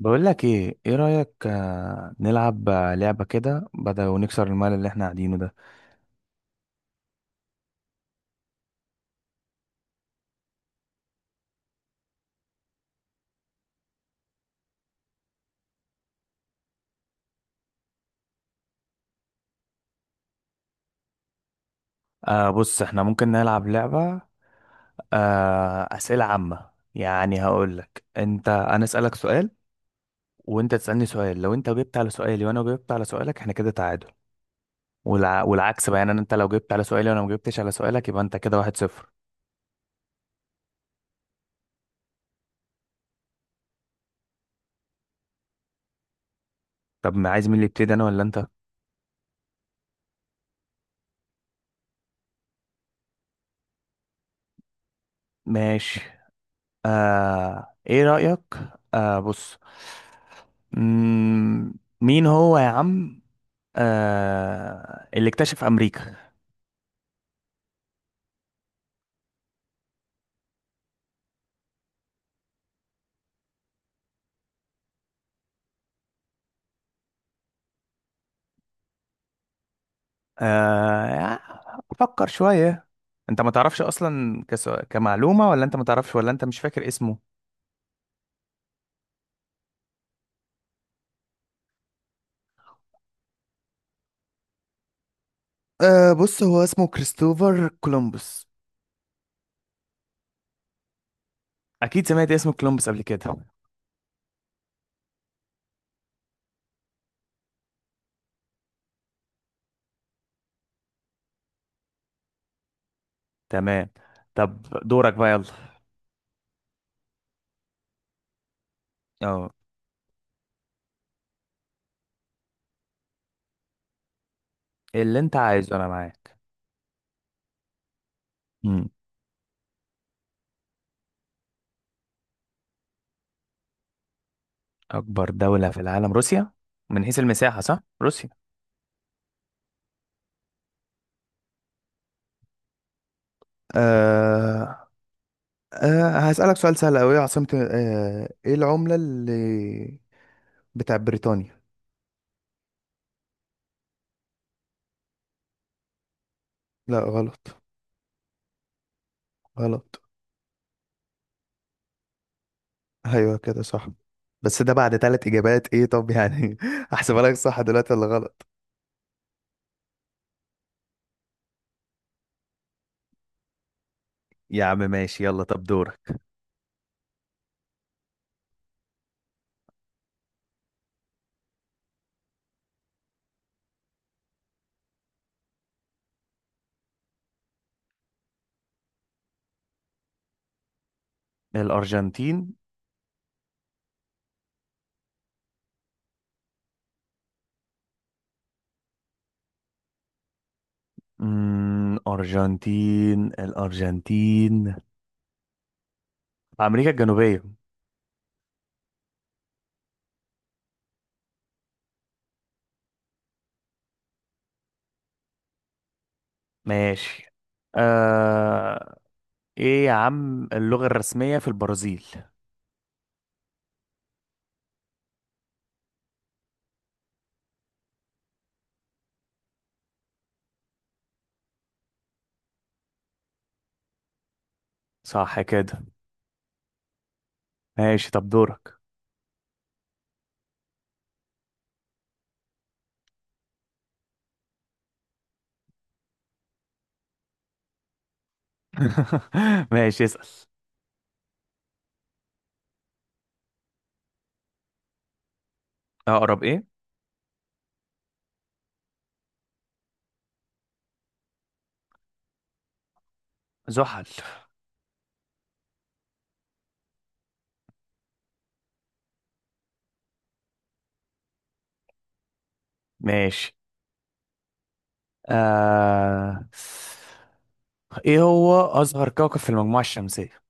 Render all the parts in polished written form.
بقول لك ايه رأيك؟ نلعب لعبة كده بدل ونكسر الملل اللي احنا قاعدينه ده. بص، احنا ممكن نلعب لعبة، أسئلة عامة. يعني هقول لك، انت انا أسألك سؤال وانت تسألني سؤال. لو انت جبت على سؤالي وانا جبت على سؤالك احنا كده تعادل. والعكس بقى، يعني انت لو جبت على سؤالي وانا ما جبتش على سؤالك يبقى انت كده واحد صفر. طب، ما عايز، مين اللي يبتدي، انا ولا انت؟ ماشي. ايه رأيك؟ بص، مم، مين هو يا عم اللي اكتشف امريكا؟ آه افكر شوية. انت ما تعرفش اصلا كمعلومة، ولا انت ما تعرفش، ولا انت مش فاكر اسمه؟ أه بص، هو اسمه كريستوفر كولومبوس. اكيد سمعت اسم كولومبس قبل كده. تمام، طب دورك بقى، يلا. اه، اللي انت عايزه انا معاك. مم. اكبر دولة في العالم روسيا، من حيث المساحة، صح، روسيا. أه أه هسألك سؤال سهل أوي. عاصمة أه إيه العملة اللي بتاع بريطانيا؟ لا، غلط. غلط. ايوه كده صح. بس ده بعد ثلاث اجابات، ايه؟ طب يعني احسبها لك صح دلوقتي ولا غلط؟ يا عم ماشي، يلا طب دورك. الأرجنتين. الأرجنتين، أمريكا الجنوبية. ماشي. آه... إيه يا عم اللغة الرسمية في البرازيل؟ صح كده. ماشي، طب دورك. ماشي اسأل. أقرب إيه؟ زحل. ماشي. آه... ايه هو اصغر كوكب في المجموعة الشمسية؟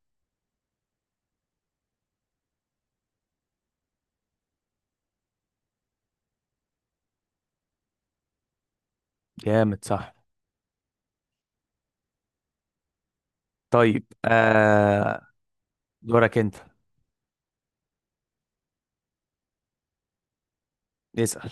جامد، صح. طيب. دورك انت. اسأل.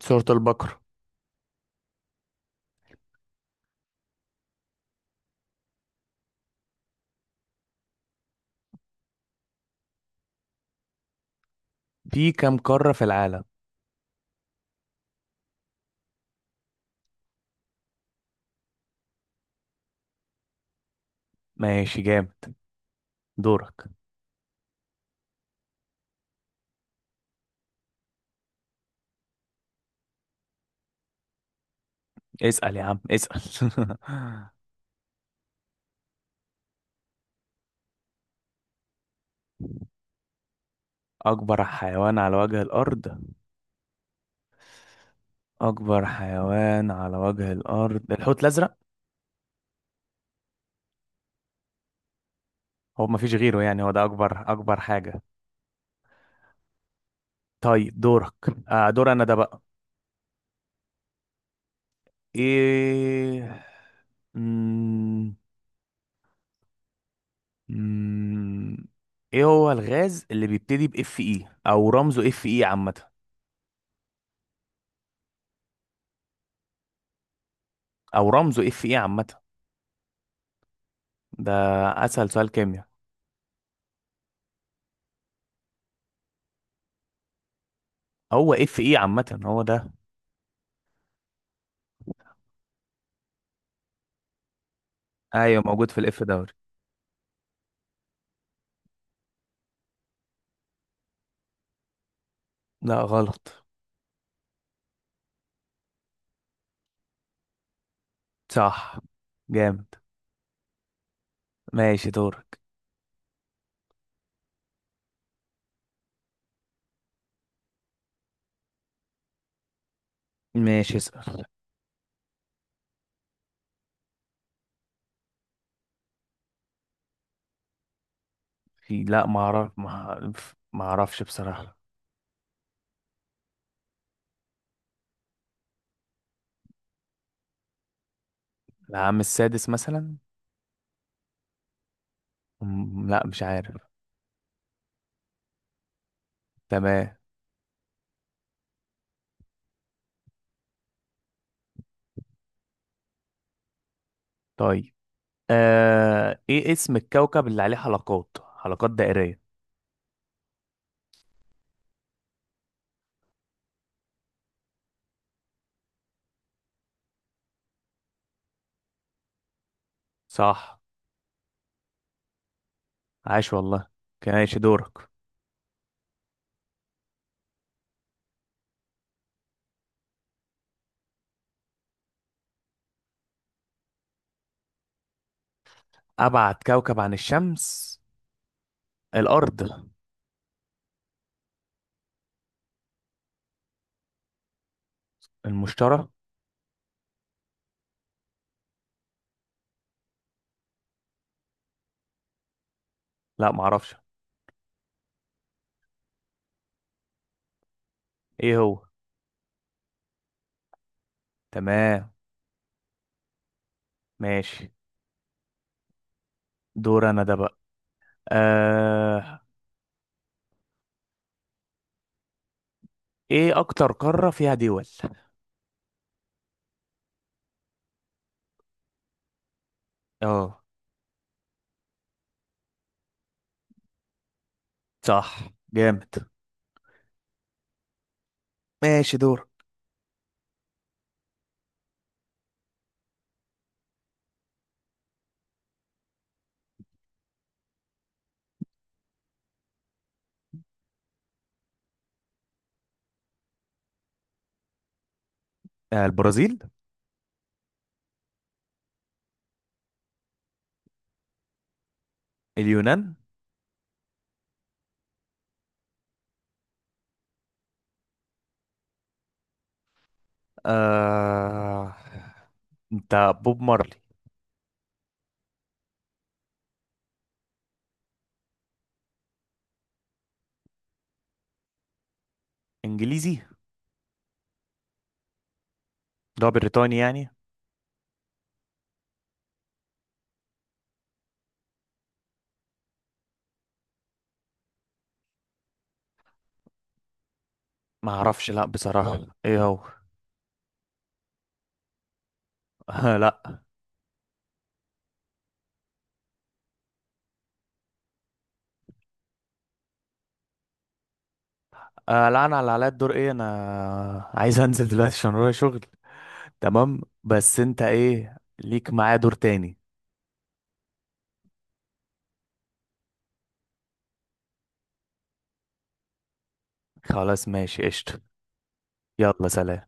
سورة البقرة. في كم قارة في العالم؟ ماشي، جامد. دورك. اسأل يا عم اسأل. اكبر حيوان على وجه الارض. اكبر حيوان على وجه الارض الحوت الازرق. هو ما فيش غيره، يعني هو ده اكبر اكبر حاجة. طيب دورك. دور انا ده بقى. ايه، مم. ايه هو الغاز اللي بيبتدي باف اي او رمزه اف اي عامه؟ او رمزه اف اي عامه، ده اسهل سؤال كيمياء. هو اف اي عامه، هو ده. ايوه، موجود في الاف دوري. لا، غلط. صح، جامد. ماشي دورك. ماشي اسأل. في، لا ما اعرف، ما ما اعرفش بصراحه. العام السادس مثلا. مم، لا مش عارف. تمام. طيب، ايه اسم الكوكب اللي عليه حلقات حلقات دائريه؟ صح، عاش والله. كان عايش، دورك. ابعد كوكب عن الشمس الارض. المشتري. لا معرفش. ايه هو؟ تمام، ماشي. دور انا ده بقى. آه... ايه اكتر قارة فيها دول؟ اه، صح، جامد. ماشي دور. البرازيل. اليونان. آه... انت، بوب مارلي. انجليزي، ده بريطاني يعني. ما اعرفش لا بصراحة، ايه هو؟ لا. لا، انا اللي عليا الدور. ايه، انا عايز انزل دلوقتي عشان ورايا شغل. تمام، بس انت ايه ليك معايا دور تاني. خلاص ماشي قشطة. يلا سلام.